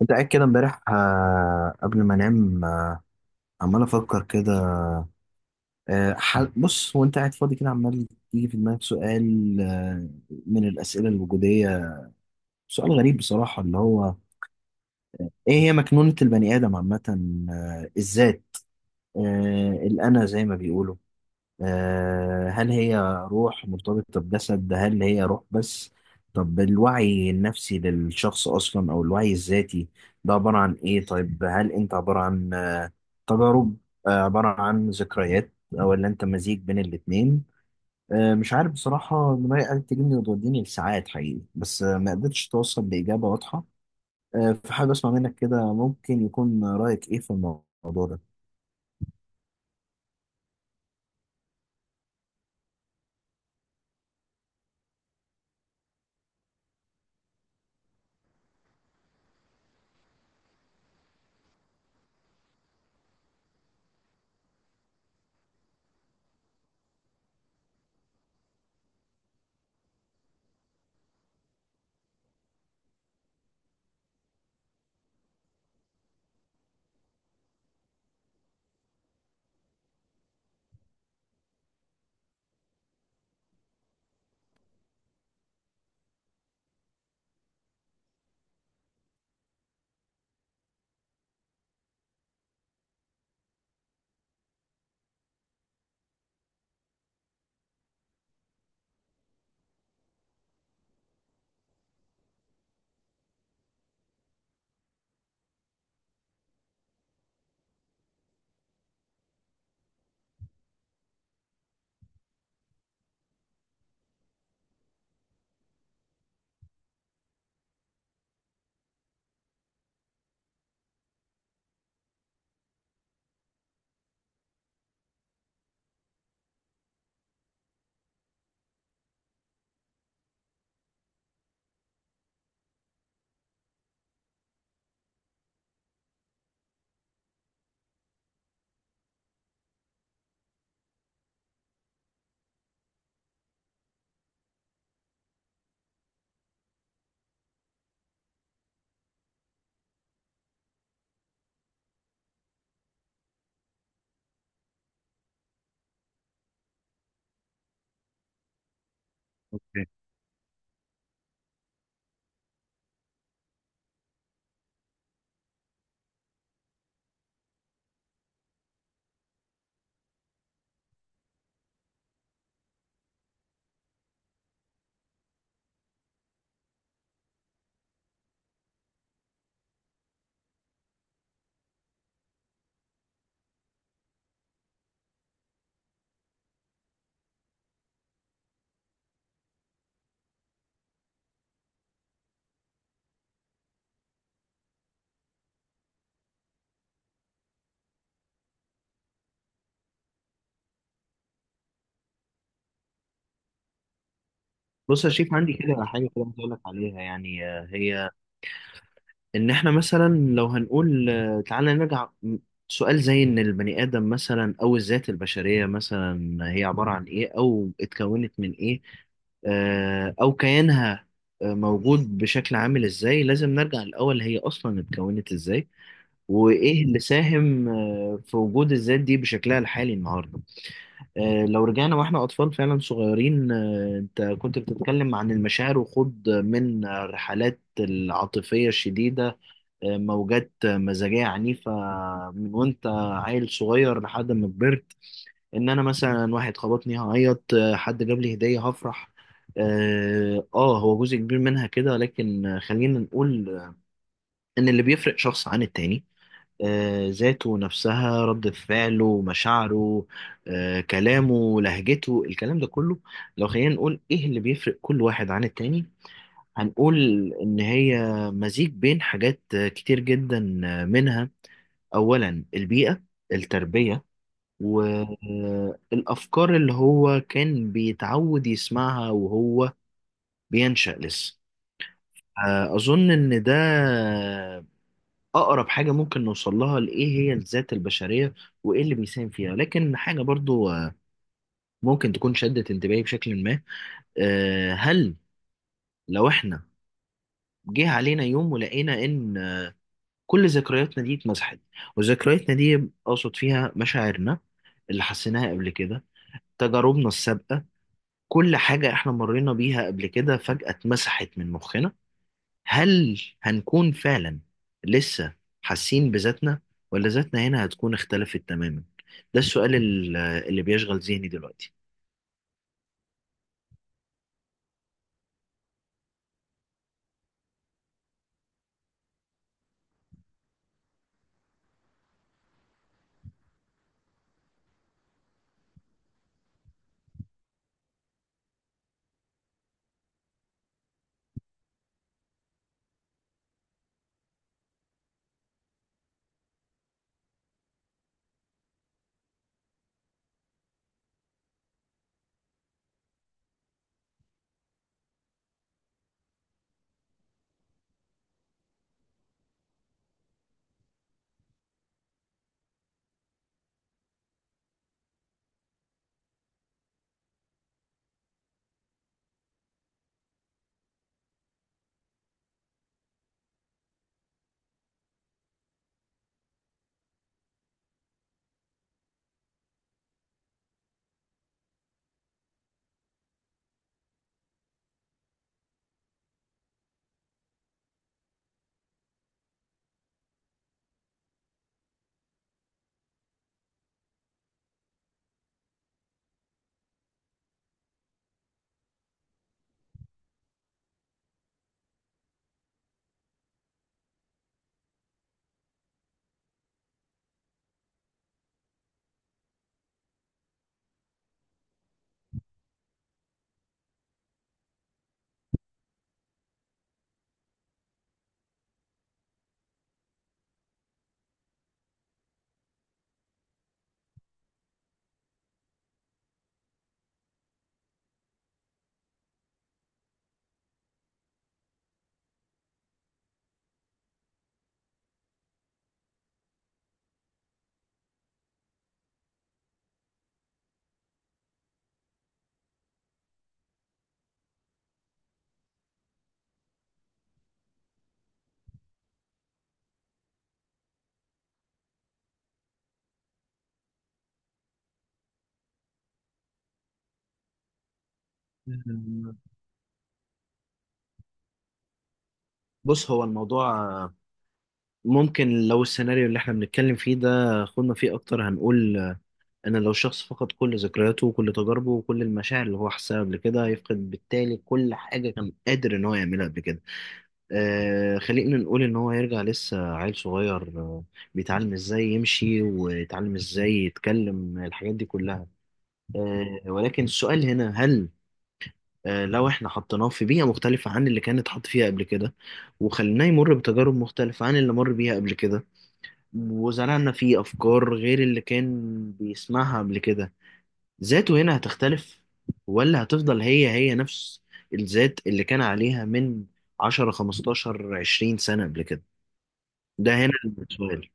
كنت قاعد كده امبارح قبل ما انام عمال افكر كده. بص وانت قاعد فاضي كده عمال يجي في دماغك سؤال، من الاسئله الوجوديه. سؤال غريب بصراحه اللي هو ايه هي مكنونه البني ادم عامه. الذات، الانا زي ما بيقولوا. هل هي روح مرتبطه بجسد، هل هي روح بس؟ طب الوعي النفسي للشخص اصلا او الوعي الذاتي ده عباره عن ايه؟ طيب هل انت عباره عن تجارب، عبارة عن ذكريات، أو اللي أنت مزيج بين الاتنين؟ مش عارف بصراحة، دماغي قالت تجيبني وتوديني لساعات حقيقي بس ما قدرتش توصل لإجابة واضحة. فحابب أسمع منك كده، ممكن يكون رأيك إيه في الموضوع ده؟ بص يا شريف، عندي كده حاجة كده عايز أقول لك عليها يعني، هي ان احنا مثلا لو هنقول، تعالى نرجع سؤال زي ان البني ادم مثلا او الذات البشريه مثلا هي عباره عن ايه او اتكونت من ايه. او كيانها موجود بشكل عامل ازاي؟ لازم نرجع الاول هي اصلا اتكونت ازاي وايه اللي ساهم في وجود الذات دي بشكلها الحالي النهارده. لو رجعنا واحنا اطفال فعلا صغيرين، انت كنت بتتكلم عن المشاعر وخوض من الرحلات العاطفيه الشديده، موجات مزاجية عنيفة من وانت عيل صغير لحد ما كبرت. ان انا مثلا واحد خبطني هعيط، حد جاب لي هدية هفرح. اه، هو جزء كبير منها كده، لكن خلينا نقول ان اللي بيفرق شخص عن التاني ذاته نفسها، ردة فعله، مشاعره، كلامه، لهجته، الكلام ده كله. لو خلينا نقول ايه اللي بيفرق كل واحد عن التاني، هنقول ان هي مزيج بين حاجات كتير جدا. منها أولا البيئة، التربية، والأفكار اللي هو كان بيتعود يسمعها وهو بينشأ لسه. أظن إن ده أقرب حاجة ممكن نوصل لها لإيه هي الذات البشرية وإيه اللي بيساهم فيها. لكن حاجة برضو ممكن تكون شدت انتباهي بشكل ما. هل لو إحنا جه علينا يوم ولقينا إن كل ذكرياتنا دي اتمسحت، وذكرياتنا دي أقصد فيها مشاعرنا اللي حسيناها قبل كده، تجاربنا السابقة، كل حاجة احنا مرينا بيها قبل كده فجأة اتمسحت من مخنا، هل هنكون فعلا لسه حاسين بذاتنا، ولا ذاتنا هنا هتكون اختلفت تماما؟ ده السؤال اللي بيشغل ذهني دلوقتي. مم. بص هو الموضوع ممكن لو السيناريو اللي احنا بنتكلم فيه ده خدنا فيه اكتر، هنقول ان لو شخص فقد كل ذكرياته وكل تجاربه وكل المشاعر اللي هو حسها قبل كده، هيفقد بالتالي كل حاجة كان قادر ان هو يعملها قبل كده. خلينا نقول ان هو يرجع لسه عيل صغير، بيتعلم ازاي يمشي ويتعلم ازاي يتكلم، الحاجات دي كلها. ولكن السؤال هنا هل لو احنا حطيناه في بيئة مختلفة عن اللي كان اتحط فيها قبل كده، وخليناه يمر بتجارب مختلفة عن اللي مر بيها قبل كده، وزرعنا فيه افكار غير اللي كان بيسمعها قبل كده، ذاته هنا هتختلف ولا هتفضل هي هي نفس الذات اللي كان عليها من 10 15 20 سنة قبل كده؟ ده هنا السؤال.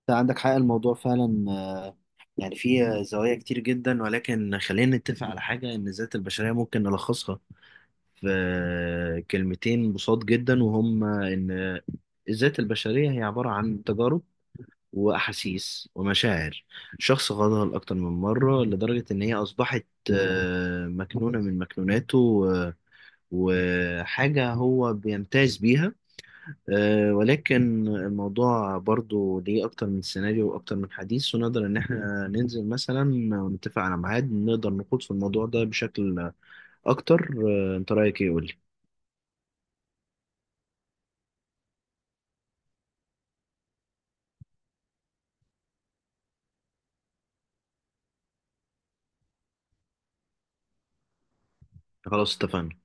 انت عندك حق، الموضوع فعلا يعني فيه زوايا كتير جدا، ولكن خلينا نتفق على حاجة إن الذات البشرية ممكن نلخصها في كلمتين بساط جدا، وهم إن الذات البشرية هي عبارة عن تجارب وأحاسيس ومشاعر. شخص غضب أكتر من مرة لدرجة إن هي أصبحت مكنونة من مكنوناته وحاجة هو بيمتاز بيها. ولكن الموضوع برضو ليه أكتر من سيناريو وأكتر من حديث، ونقدر إن إحنا ننزل مثلا ونتفق على ميعاد نقدر نخوض في الموضوع ده بشكل أكتر. أنت رأيك إيه؟ قولي. خلاص اتفقنا.